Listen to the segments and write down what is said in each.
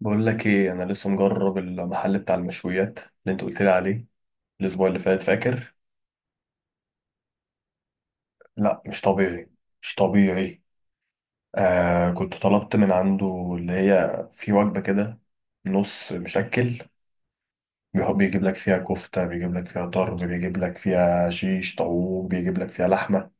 بقول لك ايه؟ انا لسه مجرب المحل بتاع المشويات اللي انت قلت لي عليه الاسبوع اللي فات، فاكر؟ لا مش طبيعي، مش طبيعي. آه كنت طلبت من عنده، اللي هي في وجبة كده، نص مشكل. بيحب بيجيب لك فيها كفتة، بيجيب لك فيها طرب، بيجيب لك فيها شيش طاووق، بيجيب لك فيها لحمة،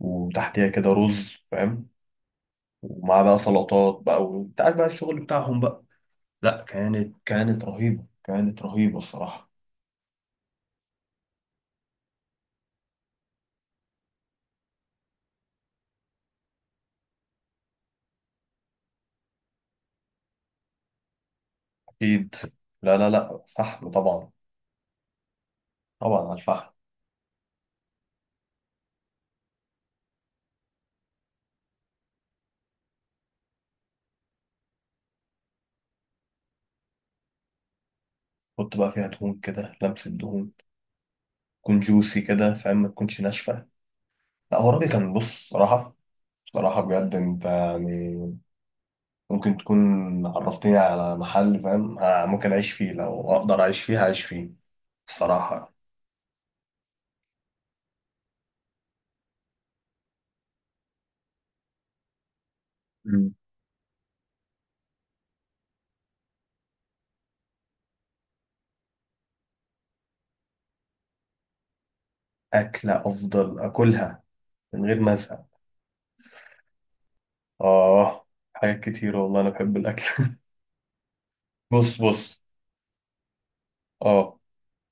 وتحتيها كده رز، فاهم؟ ومعاه بقى سلطات بقى، وانت عارف بقى الشغل بتاعهم بقى. لا، كانت رهيبة، كانت رهيبة الصراحة. اكيد. لا لا لا، فحم طبعا. طبعا على الفحم. حط بقى فيها دهون كده، لمسة دهون، تكون جوسي كده فاهم، ما تكونش ناشفة. لا هو الراجل كان بص صراحة، صراحة بجد انت يعني ممكن تكون عرفتني على محل فاهم، ممكن اعيش فيه، لو اقدر اعيش فيه هعيش فيه الصراحة. مم. أكلة أفضل أكلها من غير ما أزهق. آه. حاجات كتير والله، أنا بحب الأكل. بص بص، آه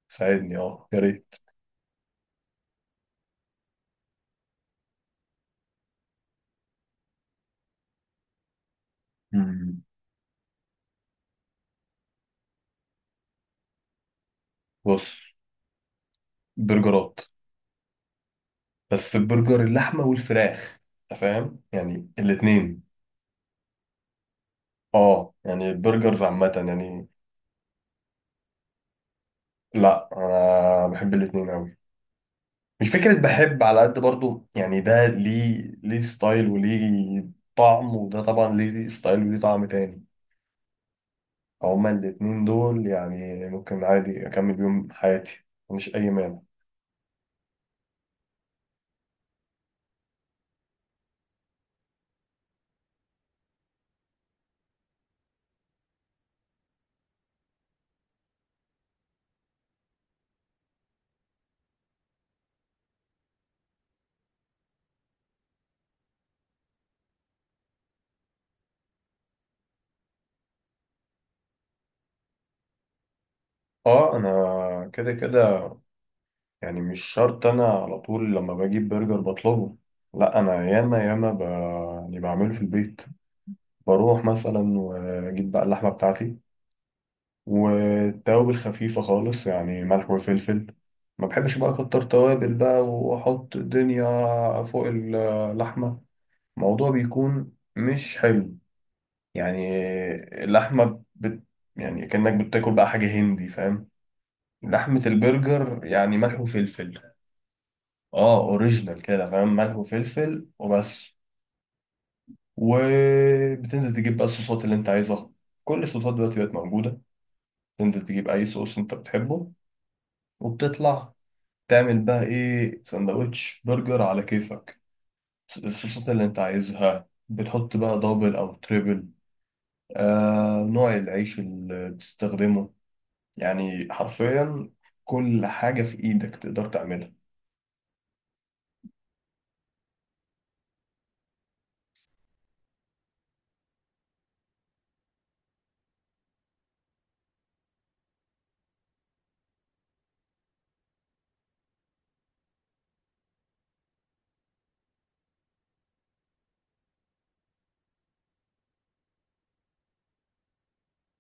ساعدني آه يا ريت. مم. بص، برجرات، بس البرجر اللحمة والفراخ، انت فاهم يعني الاتنين. اه يعني البرجرز عامة يعني. لا انا بحب الاتنين اوي، مش فكرة بحب على قد برضو، يعني ده ليه، ليه ستايل وليه طعم، وده طبعا ليه ستايل وليه طعم تاني. هما الاتنين دول يعني ممكن عادي اكمل بيهم حياتي، مش اي مانع. اه انا كده كده، يعني مش شرط انا على طول لما بجيب برجر بطلبه، لا انا ياما ياما يعني بعمله في البيت. بروح مثلا واجيب بقى اللحمه بتاعتي، والتوابل خفيفه خالص، يعني ملح وفلفل. ما بحبش بقى اكتر توابل بقى، واحط دنيا فوق اللحمه، الموضوع بيكون مش حلو. يعني اللحمه بت... يعني كأنك بتاكل بقى حاجه هندي فاهم. لحمه البرجر يعني ملح وفلفل. اه اوريجينال كده فاهم، ملح وفلفل وبس. وبتنزل تجيب بقى الصوصات اللي انت عايزها، كل الصوصات دلوقتي بقت موجوده. تنزل تجيب اي صوص انت بتحبه، وبتطلع تعمل بقى ايه، سندوتش برجر على كيفك. الصوصات اللي انت عايزها بتحط بقى دبل او تريبل، آه نوع العيش اللي بتستخدمه. يعني حرفيا كل حاجة في ايدك تقدر تعملها.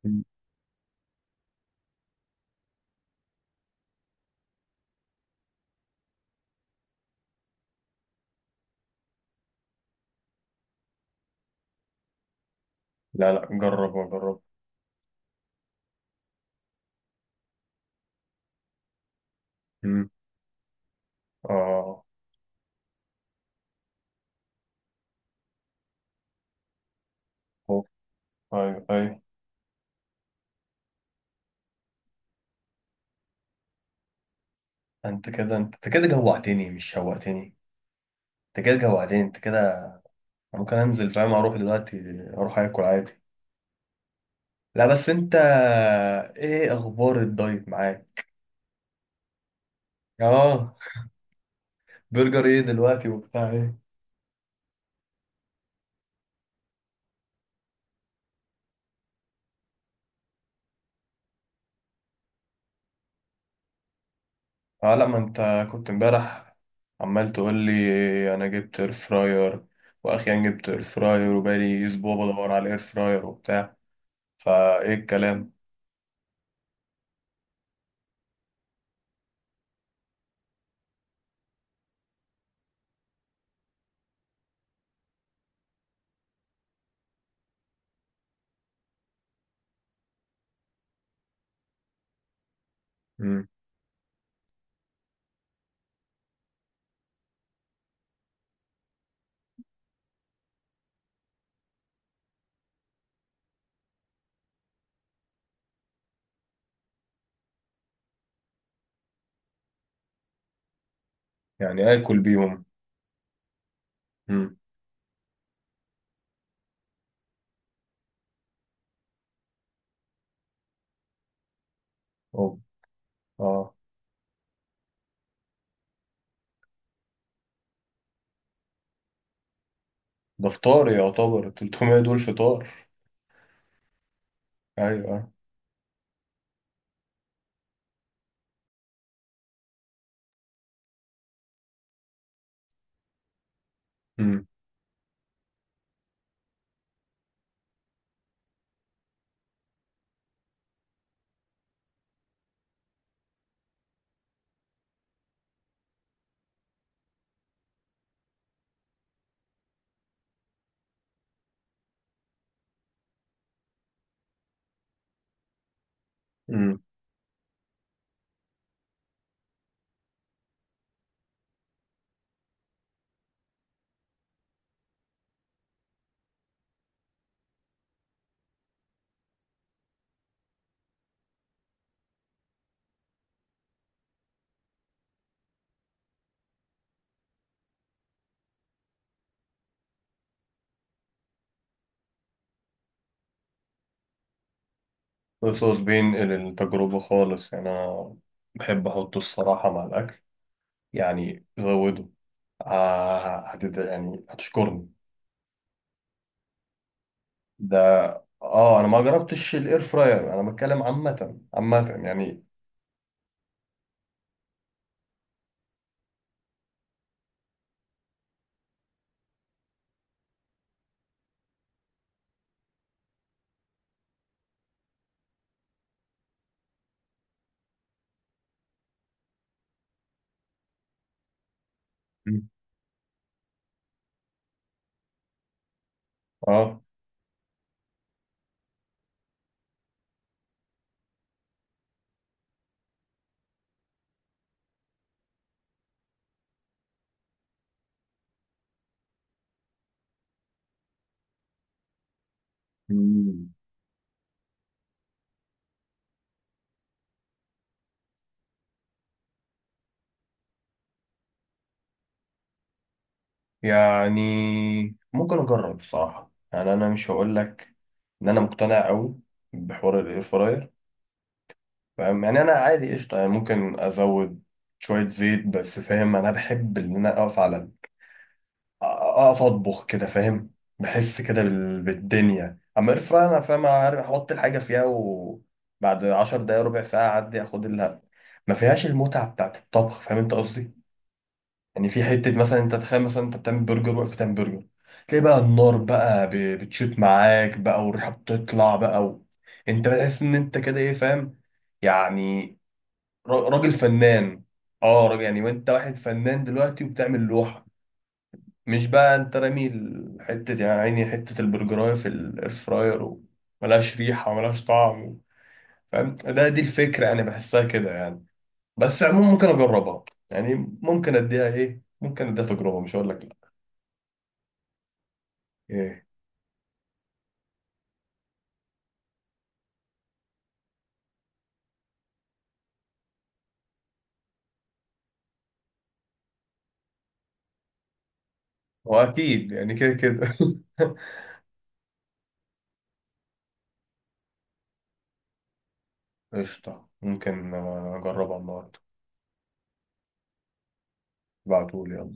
مم. لا لا، جرب وجرب. مم. اه. أوه. ايوه ايوه. انت كده انت كده جوعتني مش شوقتني، انت كده جوعتني انت كده. ممكن انزل فاهم، اروح دلوقتي اروح اكل عادي. لا بس انت، ايه اخبار الدايت معاك؟ اه برجر ايه دلوقتي وبتاع ايه؟ اه لا ما انت كنت امبارح عمال تقول لي انا جبت اير فراير، واخيرا جبت اير فراير وبقالي اسبوع بدور على اير فراير وبتاع. فايه الكلام؟ مم. يعني اكل بيهم. مم. أوه. اه. ده فطار، يعتبر 300 دول فطار. ايوه. امم. امم. بص بينقل التجربة خالص، يعني انا بحب احطه الصراحة مع الاكل، يعني زوده. يعني هتشكرني ده. اه انا ما جربتش الاير فراير، انا بتكلم عامة عامة يعني. مم. اه. مم. يعني ممكن اجرب بصراحة، يعني انا مش هقول لك ان انا مقتنع قوي بحوار الاير فراير، فاهم يعني. انا عادي قشطة، يعني ممكن ازود شوية زيت بس، فاهم. انا بحب ان انا اقف على، اقف اطبخ كده فاهم، بحس كده بالدنيا. اما اير فراير انا فاهم، عارف احط الحاجه فيها وبعد 10 دقايق ربع ساعه اعدي اخد لها، ما فيهاش المتعه بتاعت الطبخ، فاهم انت قصدي. يعني في حته مثلا، انت تخيل مثلا انت بتعمل برجر، واقف بتعمل برجر، تلاقي بقى النار بقى بتشوت معاك بقى، والريحه بتطلع بقى و... انت بتحس ان انت كده ايه فاهم يعني، راجل فنان. اه راجل يعني، وانت واحد فنان دلوقتي وبتعمل لوحه، مش بقى انت رامي حتة يعني، عيني حتة البرجراية في الاير فراير، وملهاش ريحة وملهاش طعم و... فاهم؟ ده دي الفكرة يعني بحسها كده يعني. بس عموما ممكن اجربها يعني، ممكن اديها ايه ممكن اديها تجربة، مش هقول لك لا. ايه؟ واكيد يعني كده كده. قشطة، ممكن اجربها النهاردة. ابعتولي يلا.